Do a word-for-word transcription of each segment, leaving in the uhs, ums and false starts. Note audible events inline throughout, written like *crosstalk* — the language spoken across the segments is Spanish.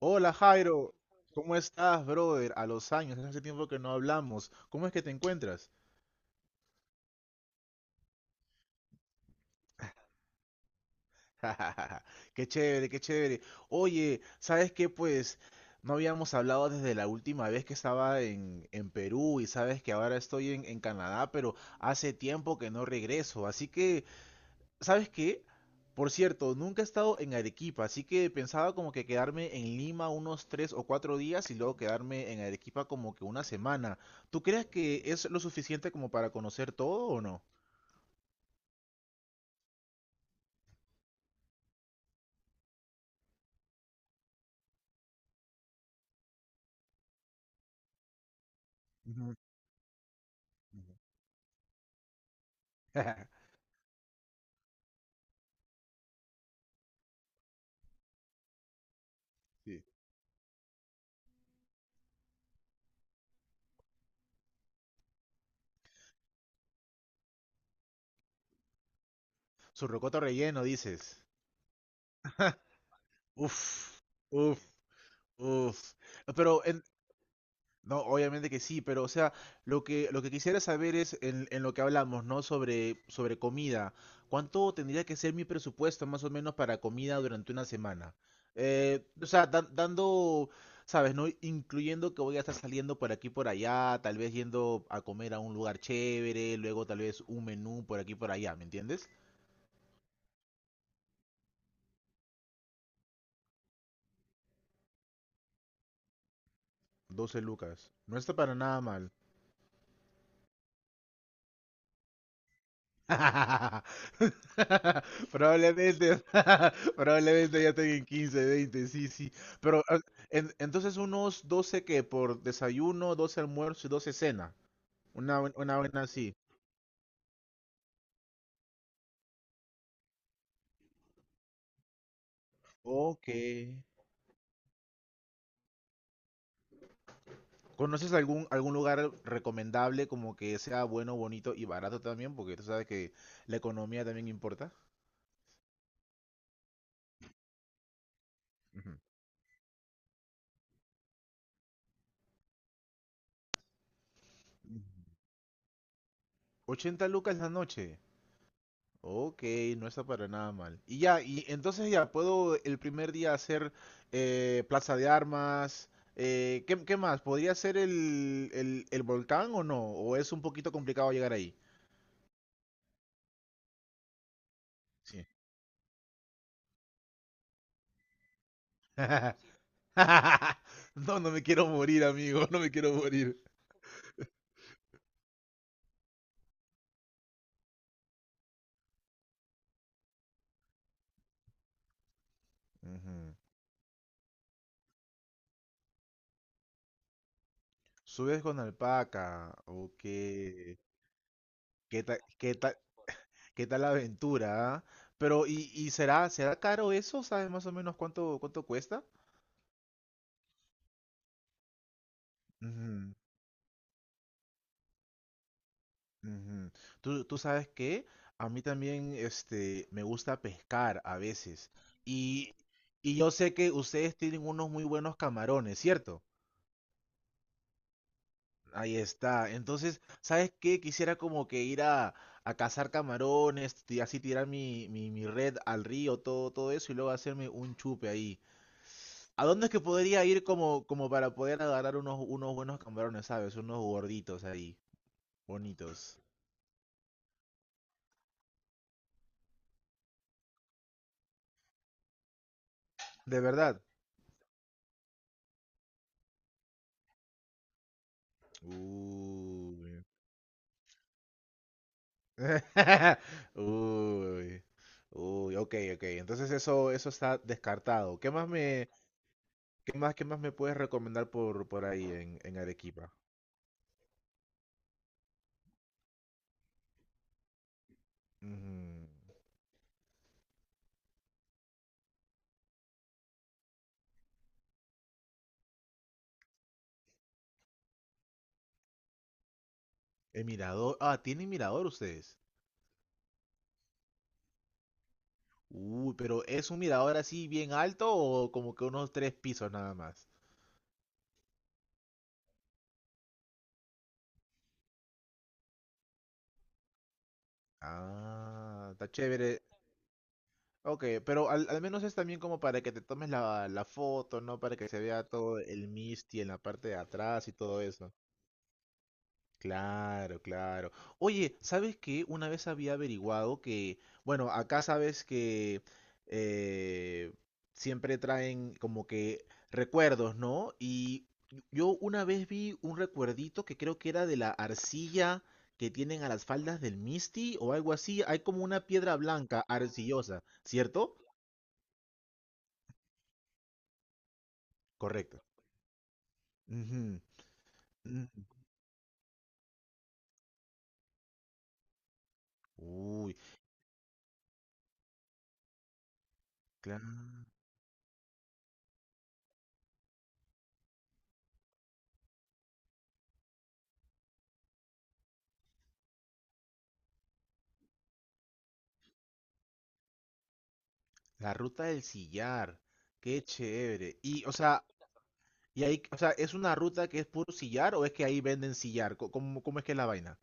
Hola, Jairo, ¿cómo estás, brother? A los años, hace tiempo que no hablamos. ¿Cómo es que te encuentras? *laughs* Qué chévere, qué chévere. Oye, ¿sabes qué? Pues no habíamos hablado desde la última vez que estaba en, en Perú y sabes que ahora estoy en, en Canadá, pero hace tiempo que no regreso. Así que ¿sabes qué? Por cierto, nunca he estado en Arequipa, así que pensaba como que quedarme en Lima unos tres o cuatro días y luego quedarme en Arequipa como que una semana. ¿Tú crees que es lo suficiente como para conocer todo o no? Ujú, ujú. *laughs* Sí. Su rocoto relleno, dices. *laughs* Uf, uf, uf. Pero no, obviamente que sí, pero o sea, lo que, lo que quisiera saber es en, en lo que hablamos, ¿no? Sobre, sobre comida. ¿Cuánto tendría que ser mi presupuesto más o menos para comida durante una semana? Eh, o sea, dan- dando, ¿sabes? ¿No? Incluyendo que voy a estar saliendo por aquí y por allá, tal vez yendo a comer a un lugar chévere, luego tal vez un menú por aquí y por allá, ¿me entiendes? Doce lucas. No está para nada mal. *laughs* Probablemente, *laughs* probablemente ya tenga en quince, veinte, sí, sí. Pero ah, en- entonces unos doce que por desayuno, doce almuerzo y doce cena. Una, buen- una buena así. Ok. ¿Conoces algún, algún lugar recomendable como que sea bueno, bonito y barato también? Porque tú sabes que la economía también importa. Ujú. ochenta lucas la noche. Ok, no está para nada mal. Y ya, y entonces ya puedo el primer día hacer eh, Plaza de Armas. Eh, ¿qué, qué más? ¿Podría ser el, el, el volcán o no? ¿O es un poquito complicado llegar ahí? Sí. *laughs* No, no me quiero morir, amigo. No me quiero morir. Ujú. Subes con alpaca. Ok. ¿Qué tal, qué tal, qué tal la aventura? ¿Ah? Pero, ¿y, y será, será caro eso? ¿Sabes más o menos cuánto, cuánto cuesta? Ujú. Ujú. Tú, tú sabes que a mí también este, me gusta pescar a veces. Y, y yo sé que ustedes tienen unos muy buenos camarones, ¿cierto? Ahí está. Entonces, ¿sabes qué? Quisiera como que ir a, a cazar camarones y así tirar mi, mi, mi red al río, todo, todo eso, y luego hacerme un chupe ahí. ¿A dónde es que podría ir como, como para poder agarrar unos, unos buenos camarones, ¿sabes? Unos gorditos ahí, bonitos. ¿De verdad? Uy, *laughs* uy, uy, ok, ok. Entonces eso, eso está descartado. ¿Qué más me, qué más, qué más me puedes recomendar por, por ahí en, en Arequipa? Mm, el mirador. Ah, ¿tienen mirador ustedes? Uy, pero ¿es un mirador así bien alto o como que unos tres pisos nada más? Ah, está chévere. Ok, pero al, al menos es también como para que te tomes la, la foto, ¿no? Para que se vea todo el Misty en la parte de atrás y todo eso. Claro, claro. Oye, ¿sabes qué? Una vez había averiguado que, bueno, acá sabes que eh, siempre traen como que recuerdos, ¿no? Y yo una vez vi un recuerdito que creo que era de la arcilla que tienen a las faldas del Misty o algo así. Hay como una piedra blanca arcillosa, ¿cierto? Correcto. Ujú, ujú. Uy, claro. La ruta del sillar. Qué chévere. Y, o sea, y ahí, o sea, ¿es una ruta que es puro sillar o es que ahí venden sillar? Co- ¿Cómo, cómo es que es la vaina?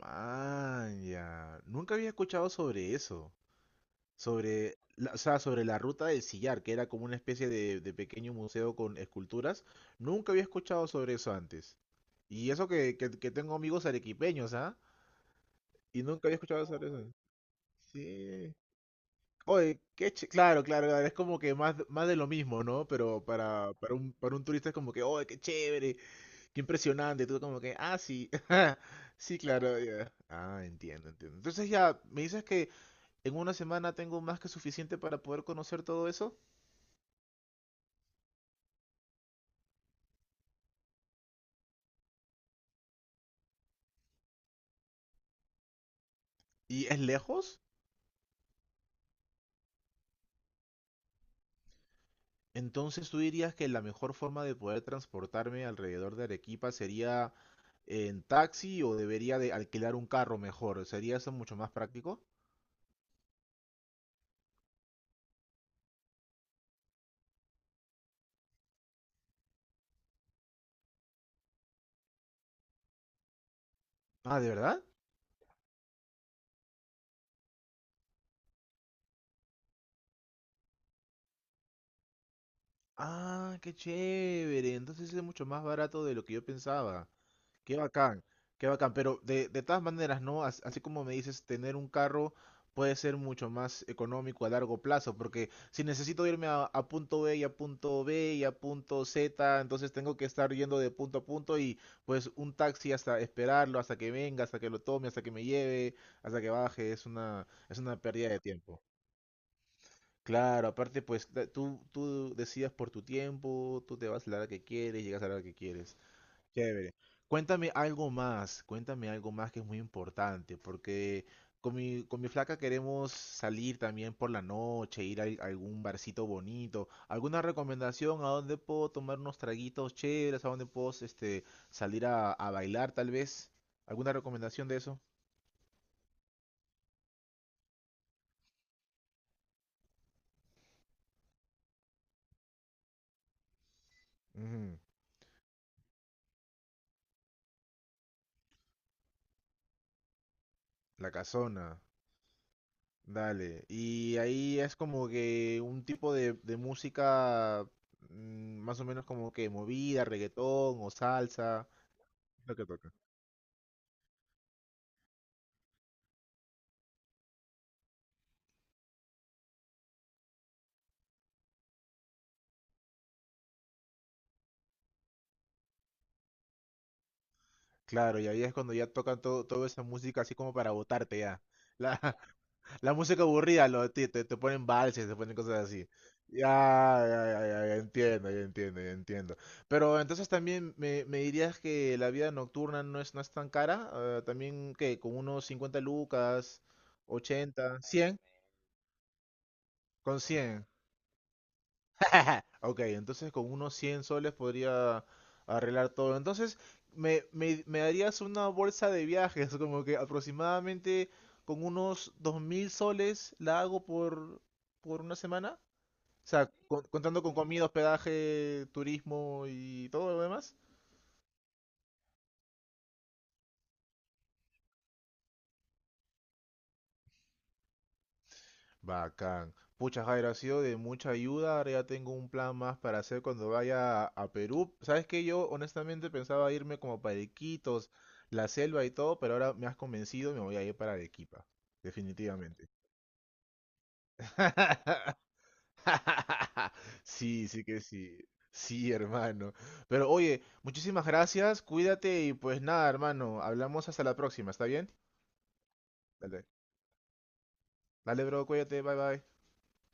Man, ya. Nunca había escuchado sobre eso. Sobre la, o sea, sobre la ruta del sillar, que era como una especie de, de pequeño museo con esculturas. Nunca había escuchado sobre eso antes. Y eso que, que, que tengo amigos arequipeños, ¿ah? Y nunca había escuchado sobre eso. Sí. Oye, qué ch- claro, claro, claro, es como que más, más de lo mismo, ¿no? Pero para, para un, para un turista es como que, oye, qué chévere, qué impresionante, tú como que, ah, sí, *laughs* sí, claro, ya. Ah, entiendo, entiendo. Entonces ya, ¿me dices que en una semana tengo más que suficiente para poder conocer todo eso? ¿Y es lejos? Entonces tú dirías que la mejor forma de poder transportarme alrededor de Arequipa sería en taxi o debería de alquilar un carro mejor. ¿Sería eso mucho más práctico? Ah, ¿de verdad? Ah, qué chévere. Entonces es mucho más barato de lo que yo pensaba. Qué bacán, qué bacán, pero de, de todas maneras, ¿no? As- Así como me dices, tener un carro puede ser mucho más económico a largo plazo, porque si necesito irme a, a punto B y a punto B y a punto Z, entonces tengo que estar yendo de punto a punto y pues un taxi hasta esperarlo, hasta que venga, hasta que lo tome, hasta que me lleve, hasta que baje, es una, es una pérdida de tiempo. Claro, aparte pues da- tú, tú decidas por tu tiempo, tú te vas a la hora que quieres, llegas a la hora que quieres. Chévere. Cuéntame algo más, cuéntame algo más que es muy importante, porque con mi, con mi flaca queremos salir también por la noche, ir a al- algún barcito bonito. ¿Alguna recomendación a dónde puedo tomar unos traguitos chéveres, a dónde puedo este, salir a, a bailar tal vez? ¿Alguna recomendación de eso? Ujú, la casona, dale. Y ahí es como que un tipo de, de música mm, más o menos como que movida, reggaetón o salsa. Lo que toca. Claro, y ahí es cuando ya tocan todo, toda esa música así como para botarte ya. La, *laughs* la música aburrida, lo, te, te, te ponen valses, te ponen cosas así. Ya, ya, ya, ya, ya entiendo, ya entiendo, ya entiendo. Pero entonces también me, me dirías que la vida nocturna no es, no es tan cara. Eh, también, que con unos cincuenta lucas, ochenta, cien, con cien *laughs* ok, entonces con unos cien soles podría arreglar todo. Entonces, me, me, me darías una bolsa de viajes, como que aproximadamente con unos dos mil soles la hago por, por una semana. O sea, con- contando con comida, hospedaje, turismo y todo lo demás. Bacán. Pucha, Jair, ha sido de mucha ayuda. Ahora ya tengo un plan más para hacer cuando vaya a, a Perú. Sabes que yo honestamente pensaba irme como para Iquitos, la selva y todo, pero ahora me has convencido y me voy a ir para Arequipa. Definitivamente. *laughs* *laughs* Sí, sí que sí. Sí, hermano. Pero oye, muchísimas gracias. Cuídate y pues nada, hermano. Hablamos hasta la próxima, ¿está bien? Dale. Dale, bro, cuídate. Bye, bye.